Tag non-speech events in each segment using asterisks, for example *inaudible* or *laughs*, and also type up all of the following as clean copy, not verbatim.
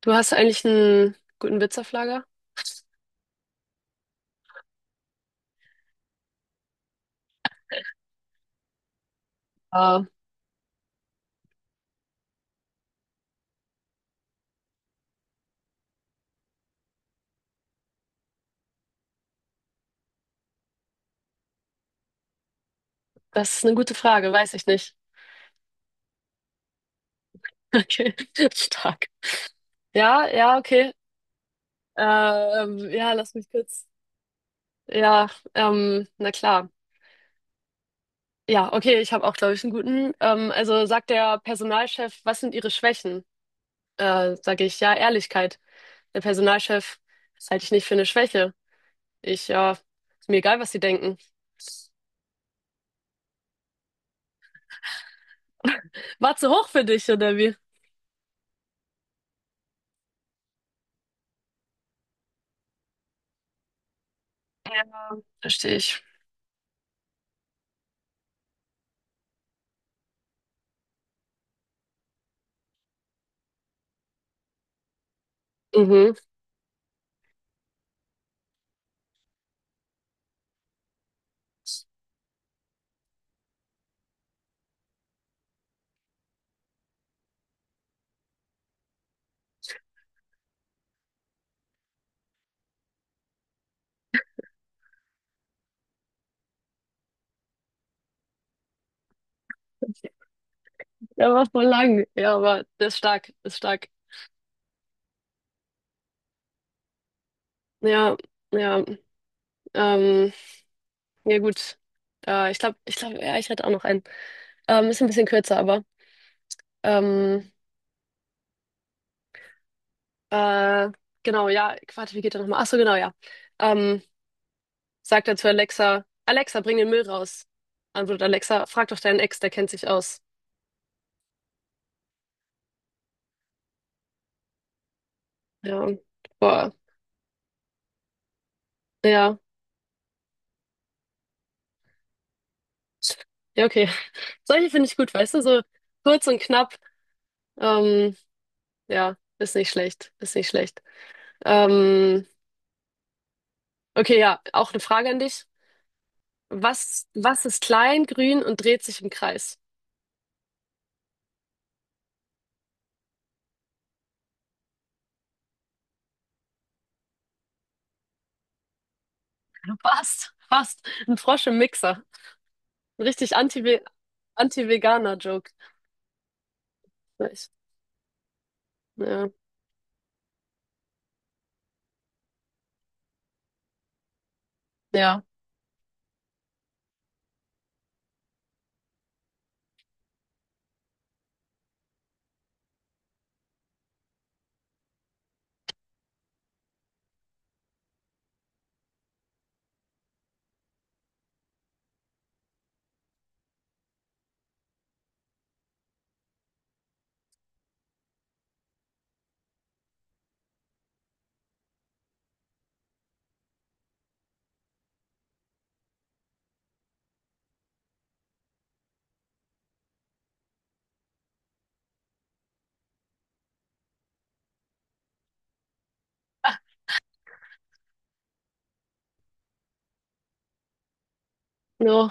Du hast eigentlich einen guten Witz auf Lager? Ah, Das ist eine gute Frage, weiß ich nicht. *laughs* Okay, *laughs* stark. Ja, ja, okay. Ja, lass mich kurz. Ja, na klar. Ja, okay, ich habe auch, glaube ich, einen guten. Also sagt der Personalchef, was sind Ihre Schwächen? Sage ich, ja, Ehrlichkeit. Der Personalchef, das halte ich nicht für eine Schwäche. Ich, ja, ist mir egal, was Sie denken. *laughs* War zu hoch für dich, oder wie? Ja, verstehe ich. Mhm. Der war voll lang. Ja, aber der ist stark, ist stark. Ja, ja, ähm, ja gut. Ich glaube, ja, ich hätte auch noch einen. Ist ein bisschen kürzer, aber ähm, äh, genau, ja, warte, wie geht der nochmal? Ach so, genau, ja. Ähm, Sagt er zu Alexa, Alexa, bring den Müll raus. Antwortet Alexa, frag doch deinen Ex, der kennt sich aus. Ja, boah, ja, ja, okay. *laughs* Solche finde ich gut, weißt du, so kurz und knapp. Ähm, ja, ist nicht schlecht, ist nicht schlecht. Ähm, Okay, ja, auch eine Frage an dich. Was ist klein, grün und dreht sich im Kreis? *laughs* Fast, fast. Ein Frosch im Mixer. Ein richtig Anti-Ve- Anti-Veganer-Joke. Ich- Ja, ja. No.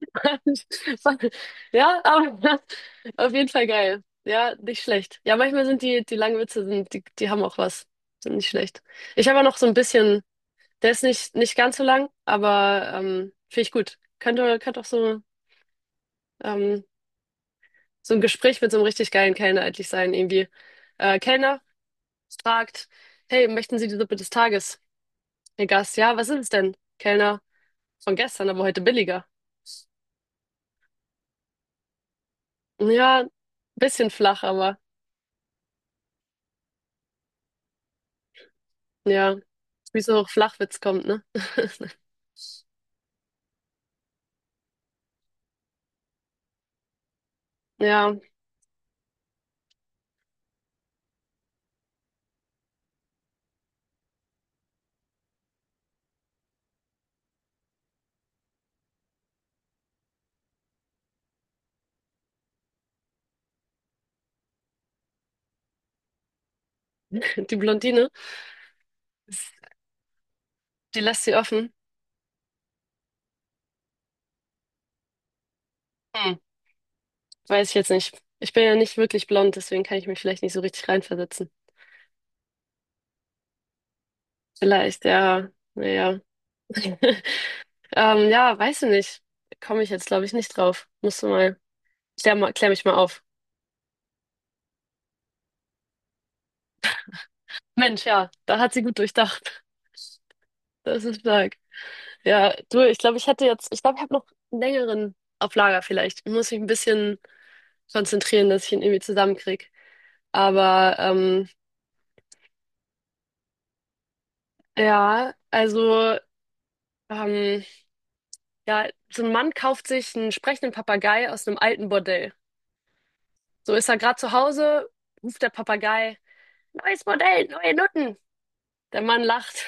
*laughs* Ja, aber auf jeden Fall geil. Ja, nicht schlecht. Ja, manchmal sind die langen Witze, sind, die haben auch was. Sind nicht schlecht. Ich habe ja noch so ein bisschen, der ist nicht ganz so lang, aber finde ich gut. Könnte auch so ähm, so ein Gespräch mit so einem richtig geilen Kellner eigentlich sein, irgendwie. Kellner fragt, hey, möchten Sie die Suppe des Tages? Der Gast, ja, was ist es denn? Kellner, von gestern, aber heute billiger. Ja, bisschen flach, aber ja, wie so Flachwitz kommt, ne? *laughs* Ja, die Blondine, die lässt sie offen. Hm, weiß ich jetzt nicht. Ich bin ja nicht wirklich blond, deswegen kann ich mich vielleicht nicht so richtig reinversetzen. Vielleicht, ja, naja. *laughs* Ja, weiß ich nicht. Komme ich jetzt, glaube ich, nicht drauf. Musst du mal. Klär mal, klär mich mal auf. Mensch, ja, da hat sie gut durchdacht. Das ist stark. Ja, du, ich glaube, ich hätte jetzt, ich glaube, ich habe noch einen längeren auf Lager vielleicht. Ich muss mich ein bisschen konzentrieren, dass ich ihn irgendwie zusammenkrieg. Aber ja, also ähm, ja, so ein Mann kauft sich einen sprechenden Papagei aus einem alten Bordell. So ist er gerade zu Hause, ruft der Papagei, neues Bordell, neue Nutten. Der Mann lacht.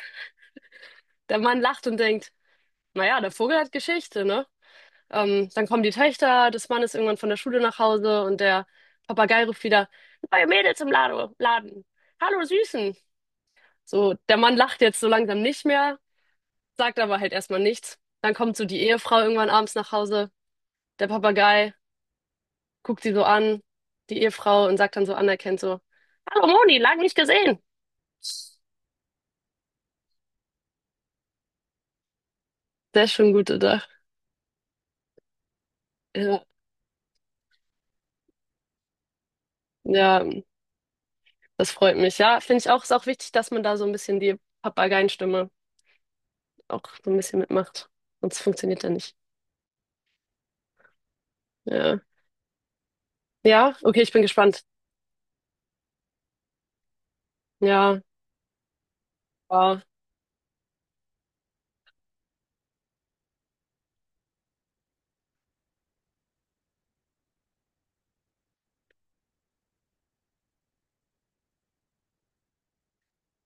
Der Mann lacht und denkt, naja, der Vogel hat Geschichte, ne? Dann kommen die Töchter des Mannes irgendwann von der Schule nach Hause und der Papagei ruft wieder, neue Mädels im Lado Laden. Hallo Süßen. So, der Mann lacht jetzt so langsam nicht mehr, sagt aber halt erstmal nichts. Dann kommt so die Ehefrau irgendwann abends nach Hause. Der Papagei guckt sie so an, die Ehefrau, und sagt dann so anerkennt so, Hallo Moni, lang nicht gesehen. Sehr schön gut gedacht. Ja, ja, das freut mich. Ja, finde ich auch, ist auch wichtig, dass man da so ein bisschen die Papageienstimme auch so ein bisschen mitmacht. Sonst funktioniert er nicht. Ja. Ja, okay, ich bin gespannt. Ja, wow.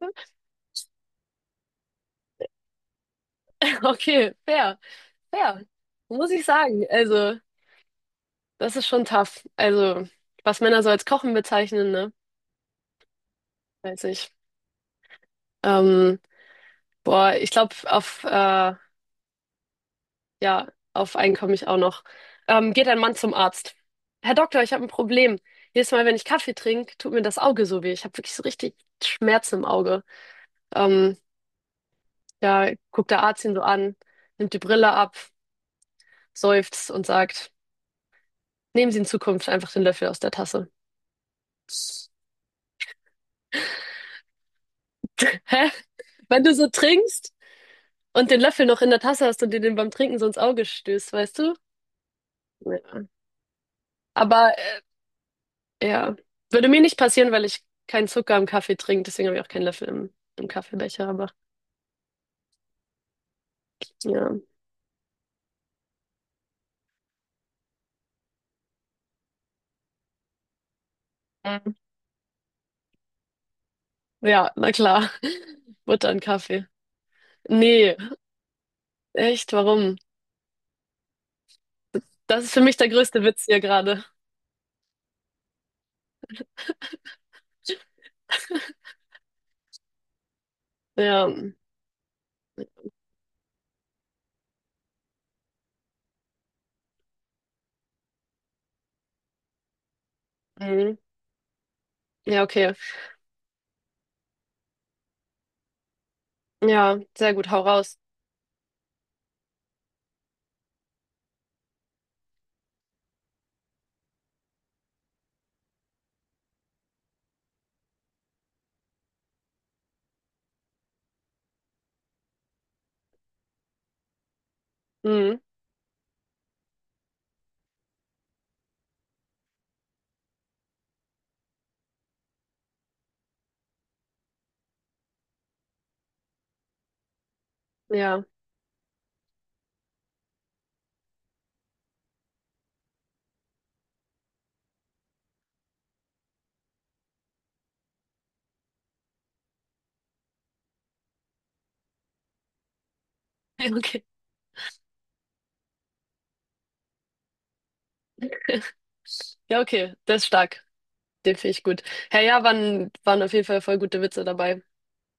*laughs* Okay, fair, fair. Muss ich sagen. Also, das ist schon tough. Also, was Männer so als Kochen bezeichnen, ne? Weiß ich. Ähm, ich glaube, ja, auf einen komme ich auch noch. Geht ein Mann zum Arzt. Herr Doktor, ich habe ein Problem. Jedes Mal, wenn ich Kaffee trinke, tut mir das Auge so weh. Ich habe wirklich so richtig Schmerzen im Auge. Ähm, ja, guckt der Arzt ihn so an, nimmt die Brille ab, seufzt und sagt. Nehmen Sie in Zukunft einfach den Löffel aus der Tasse. Hä? Wenn du so trinkst und den Löffel noch in der Tasse hast und dir den beim Trinken so ins Auge stößt, weißt du? Ja. Aber ja, würde mir nicht passieren, weil ich keinen Zucker im Kaffee trinke, deswegen habe ich auch keinen Löffel im, im Kaffeebecher, aber ja. Mhm. Ja, na klar. *laughs* Butter und Kaffee. Nee, echt, warum? Das ist für mich der größte Witz hier gerade. Ja. Mhm. Ja, okay. Ja, sehr gut, hau raus. Mhm. Ja. *laughs* Ja, okay. Ja, okay, das ist stark. Den finde ich gut. Herr ja, waren, waren auf jeden Fall voll gute Witze dabei.